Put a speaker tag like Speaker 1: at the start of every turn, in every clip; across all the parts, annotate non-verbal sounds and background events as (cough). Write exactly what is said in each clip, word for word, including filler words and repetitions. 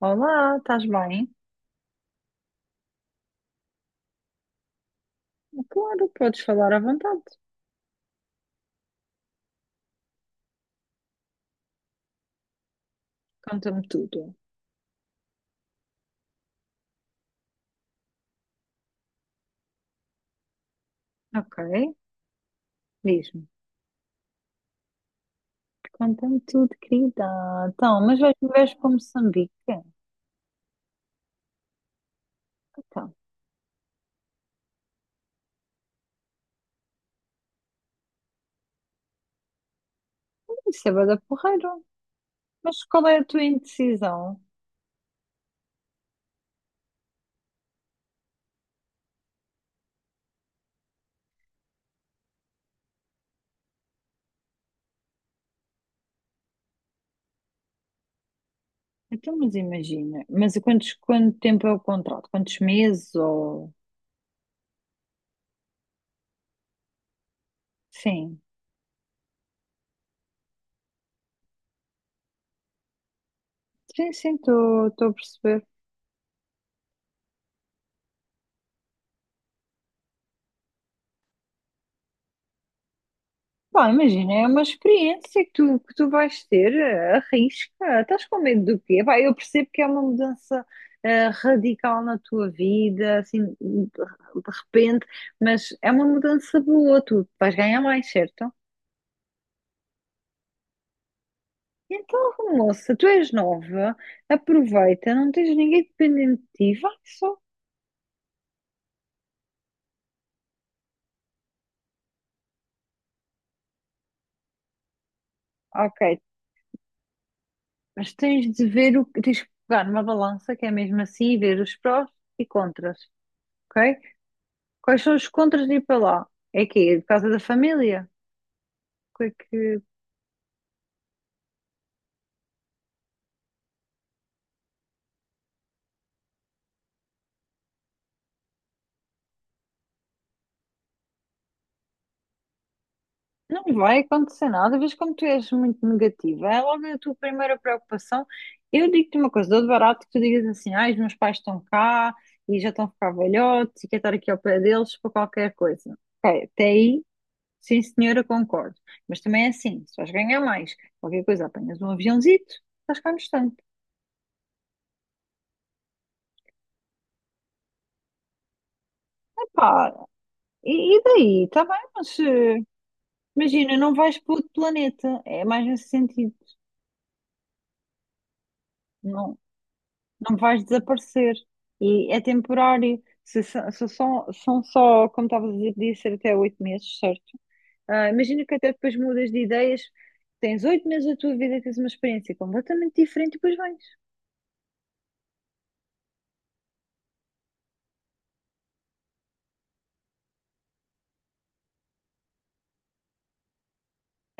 Speaker 1: Olá, estás bem? Claro, podes falar à vontade. Conta-me tudo. Ok, diz-me. Conta-me tudo, querida. Então, mas vais, vais para Moçambique? Então, isso é bué da porreiro. Mas qual é a tua indecisão? Então, mas imagina. Mas quantos, quanto tempo é o contrato? Quantos meses ou... Sim, sim, sim, estou a perceber. Pá, imagina, é uma experiência que tu, que tu vais ter, eh, arrisca, estás com medo do quê? Pá, eu percebo que é uma mudança eh, radical na tua vida, assim, de de repente, mas é uma mudança boa, tu vais ganhar mais, certo? Então, moça, tu és nova, aproveita, não tens ninguém dependente de ti, vai só. Ok, mas tens de ver o que, tens que pegar numa balança, que é mesmo assim, e ver os prós e contras, ok? Quais são os contras de ir para lá? É que é por causa da família. Que é que Não vai acontecer nada, vês como tu és muito negativa. É logo a tua primeira preocupação. Eu digo-te uma coisa, dou de barato que tu digas assim, ah, os meus pais estão cá e já estão a ficar velhotes e quero estar aqui ao pé deles para qualquer coisa. Ok, até aí, sim senhora, concordo. Mas também é assim, se vais ganhar mais, qualquer coisa, apanhas um aviãozito, estás cá no instante. Epá, e, e daí? Está bem, mas... eh, imagina, não vais para outro planeta, é mais nesse sentido, não, não vais desaparecer e é temporário. Se, so- se são, são só, como estavas a dizer, podia ser até oito meses, certo? Ah, imagina que até depois mudas de ideias, tens oito meses da tua vida, tens uma experiência completamente diferente e depois vais.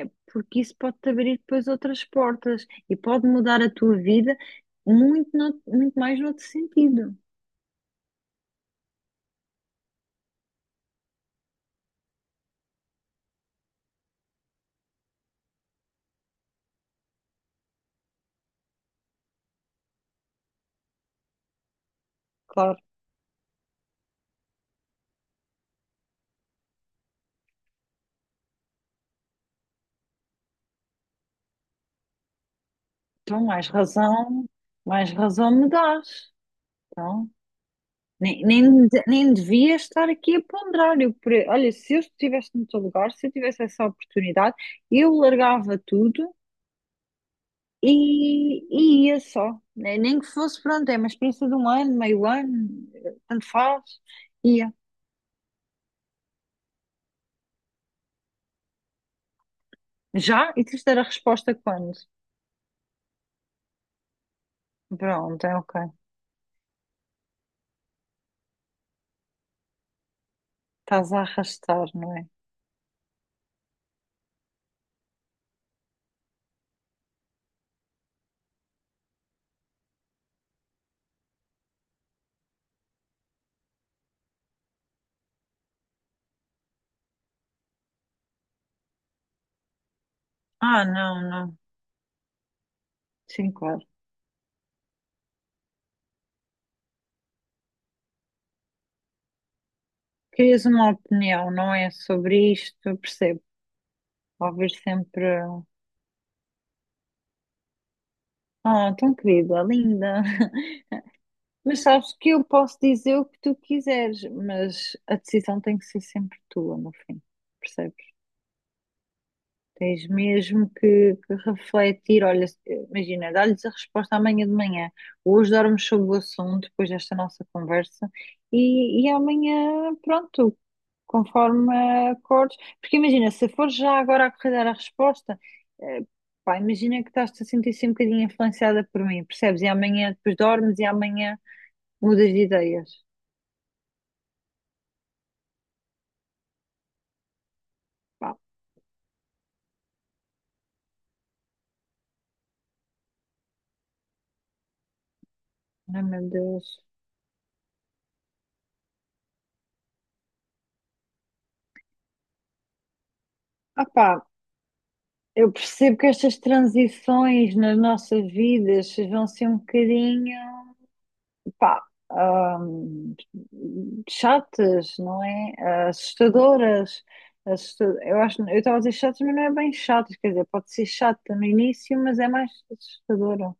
Speaker 1: É porque isso pode-te abrir depois outras portas e pode mudar a tua vida muito, no- muito mais no outro sentido. Claro, então mais razão, mais razão me dás. Então. Nem, nem, de- nem devia estar aqui a ponderar. Eu, pre- olha, se eu estivesse no teu lugar, se eu tivesse essa oportunidade, eu largava tudo e, e ia só. Nem, nem que fosse, pronto, é uma experiência de um ano, meio ano, tanto faz, ia. Já? E tens de dar a resposta quando? Pronto, é ok. Estás a arrastar, não é? Ah, não, não. Sim, claro. Querias uma opinião, não é? Sobre isto, percebo. Ouvir sempre. Ah, tão querida, linda. Mas sabes que eu posso dizer o que tu quiseres, mas a decisão tem que ser sempre tua no fim, percebes? Tens mesmo que, que refletir. Olha, imagina, dá-lhes a resposta amanhã de manhã. Hoje dormes sobre o assunto, depois desta nossa conversa, e, e amanhã, pronto, conforme acordes. Porque imagina, se for já agora a correr dar a resposta, eh, pá, imagina que estás-te a sentir assim um bocadinho influenciada por mim, percebes? E amanhã depois dormes e amanhã mudas de ideias. Pá, ai, meu Deus. Opá, eu percebo que estas transições nas nossas vidas vão ser um bocadinho, pá, hum, chatas, não é? Ah, assustadoras. Assusta- Eu acho, eu estava a dizer chatas, mas não é bem chatas, quer dizer, pode ser chata no início, mas é mais assustadora.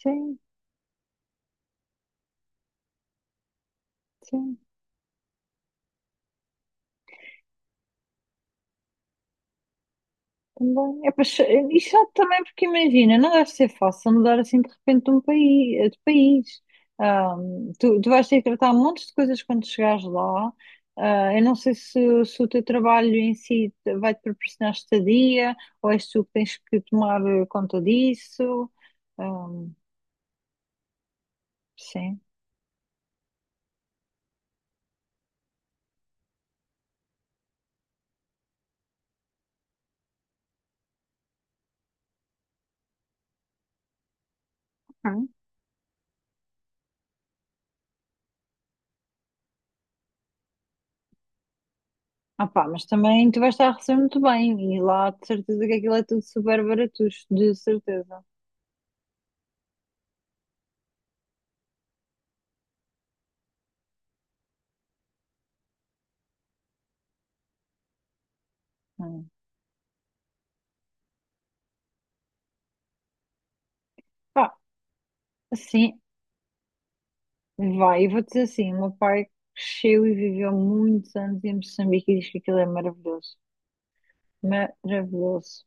Speaker 1: Sim, sim. Também. É, pois, é, e chato também porque imagina, não deve ser fácil mudar assim de repente de um país, de país. Ah, tu, tu vais ter que tratar um monte de coisas quando chegares lá. Ah, eu não sei se, se o teu trabalho em si vai-te proporcionar estadia ou és tu que tens que tomar conta disso. Ah, sim. Hum. Ah, pá, mas também tu vais estar a receber muito bem e lá de certeza que aquilo é tudo super barato de certeza. Hum. Pá, assim, vai, eu vou-te dizer assim, o meu pai cresceu e viveu muitos anos em Moçambique e diz que aquilo é maravilhoso. Maravilhoso.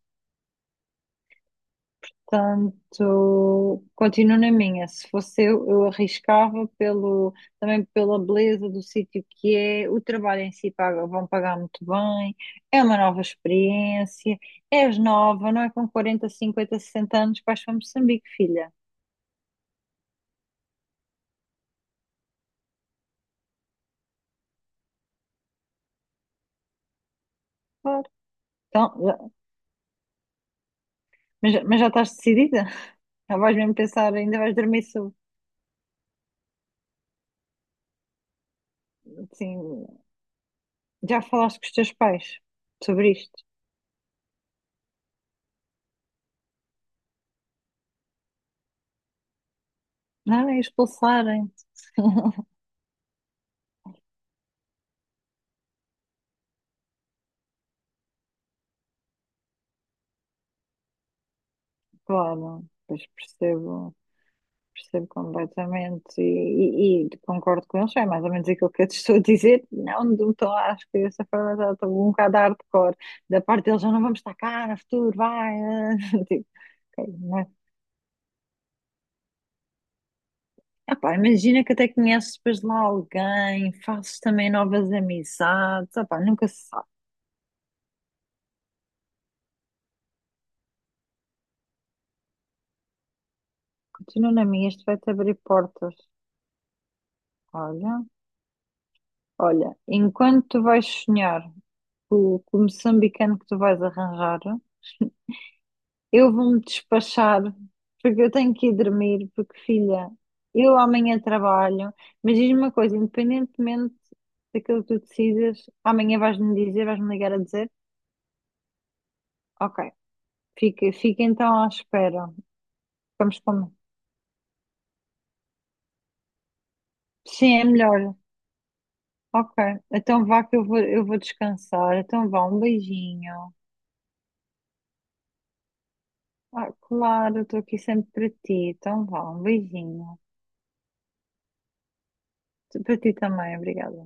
Speaker 1: Tanto, continuo na minha, se fosse eu, eu arriscava pelo, também pela beleza do sítio que é, o trabalho em si paga, vão pagar muito bem, é uma nova experiência, és nova, não é com quarenta, cinquenta, sessenta anos que vais para Moçambique, filha. Claro. Então, já- mas, já mas já estás decidida? Já vais mesmo pensar, ainda vais dormir sobre, assim, já falaste com os teus pais sobre isto? Não, é expulsarem-te, claro. Pois percebo, percebo completamente e, e- e concordo com eles. É mais ou menos aquilo que eu te estou a dizer. Não, não estou, acho que essa forma já estou um bocado hardcore. Da parte deles, já não vamos estar cá no futuro, vai. eh. (laughs) Tipo, ok, não é? Epá, imagina que até conheces depois lá alguém, fazes também novas amizades. Epá, nunca se sabe. Continua na minha, isto vai-te abrir portas. Olha. Olha, enquanto tu vais sonhar com, com o moçambicano que tu vais arranjar, eu vou-me despachar, porque eu tenho que ir dormir, porque, filha, eu amanhã trabalho, mas diz-me uma coisa, independentemente daquilo que tu decidas, amanhã vais-me dizer, vais-me ligar a dizer, ok, fica, fica então à espera, vamos comer. Sim, é melhor. Ok, então vá que eu vou, eu vou descansar, então vá, um beijinho. Ah, claro, estou aqui sempre para ti, então vá, um beijinho. Para ti também, obrigada.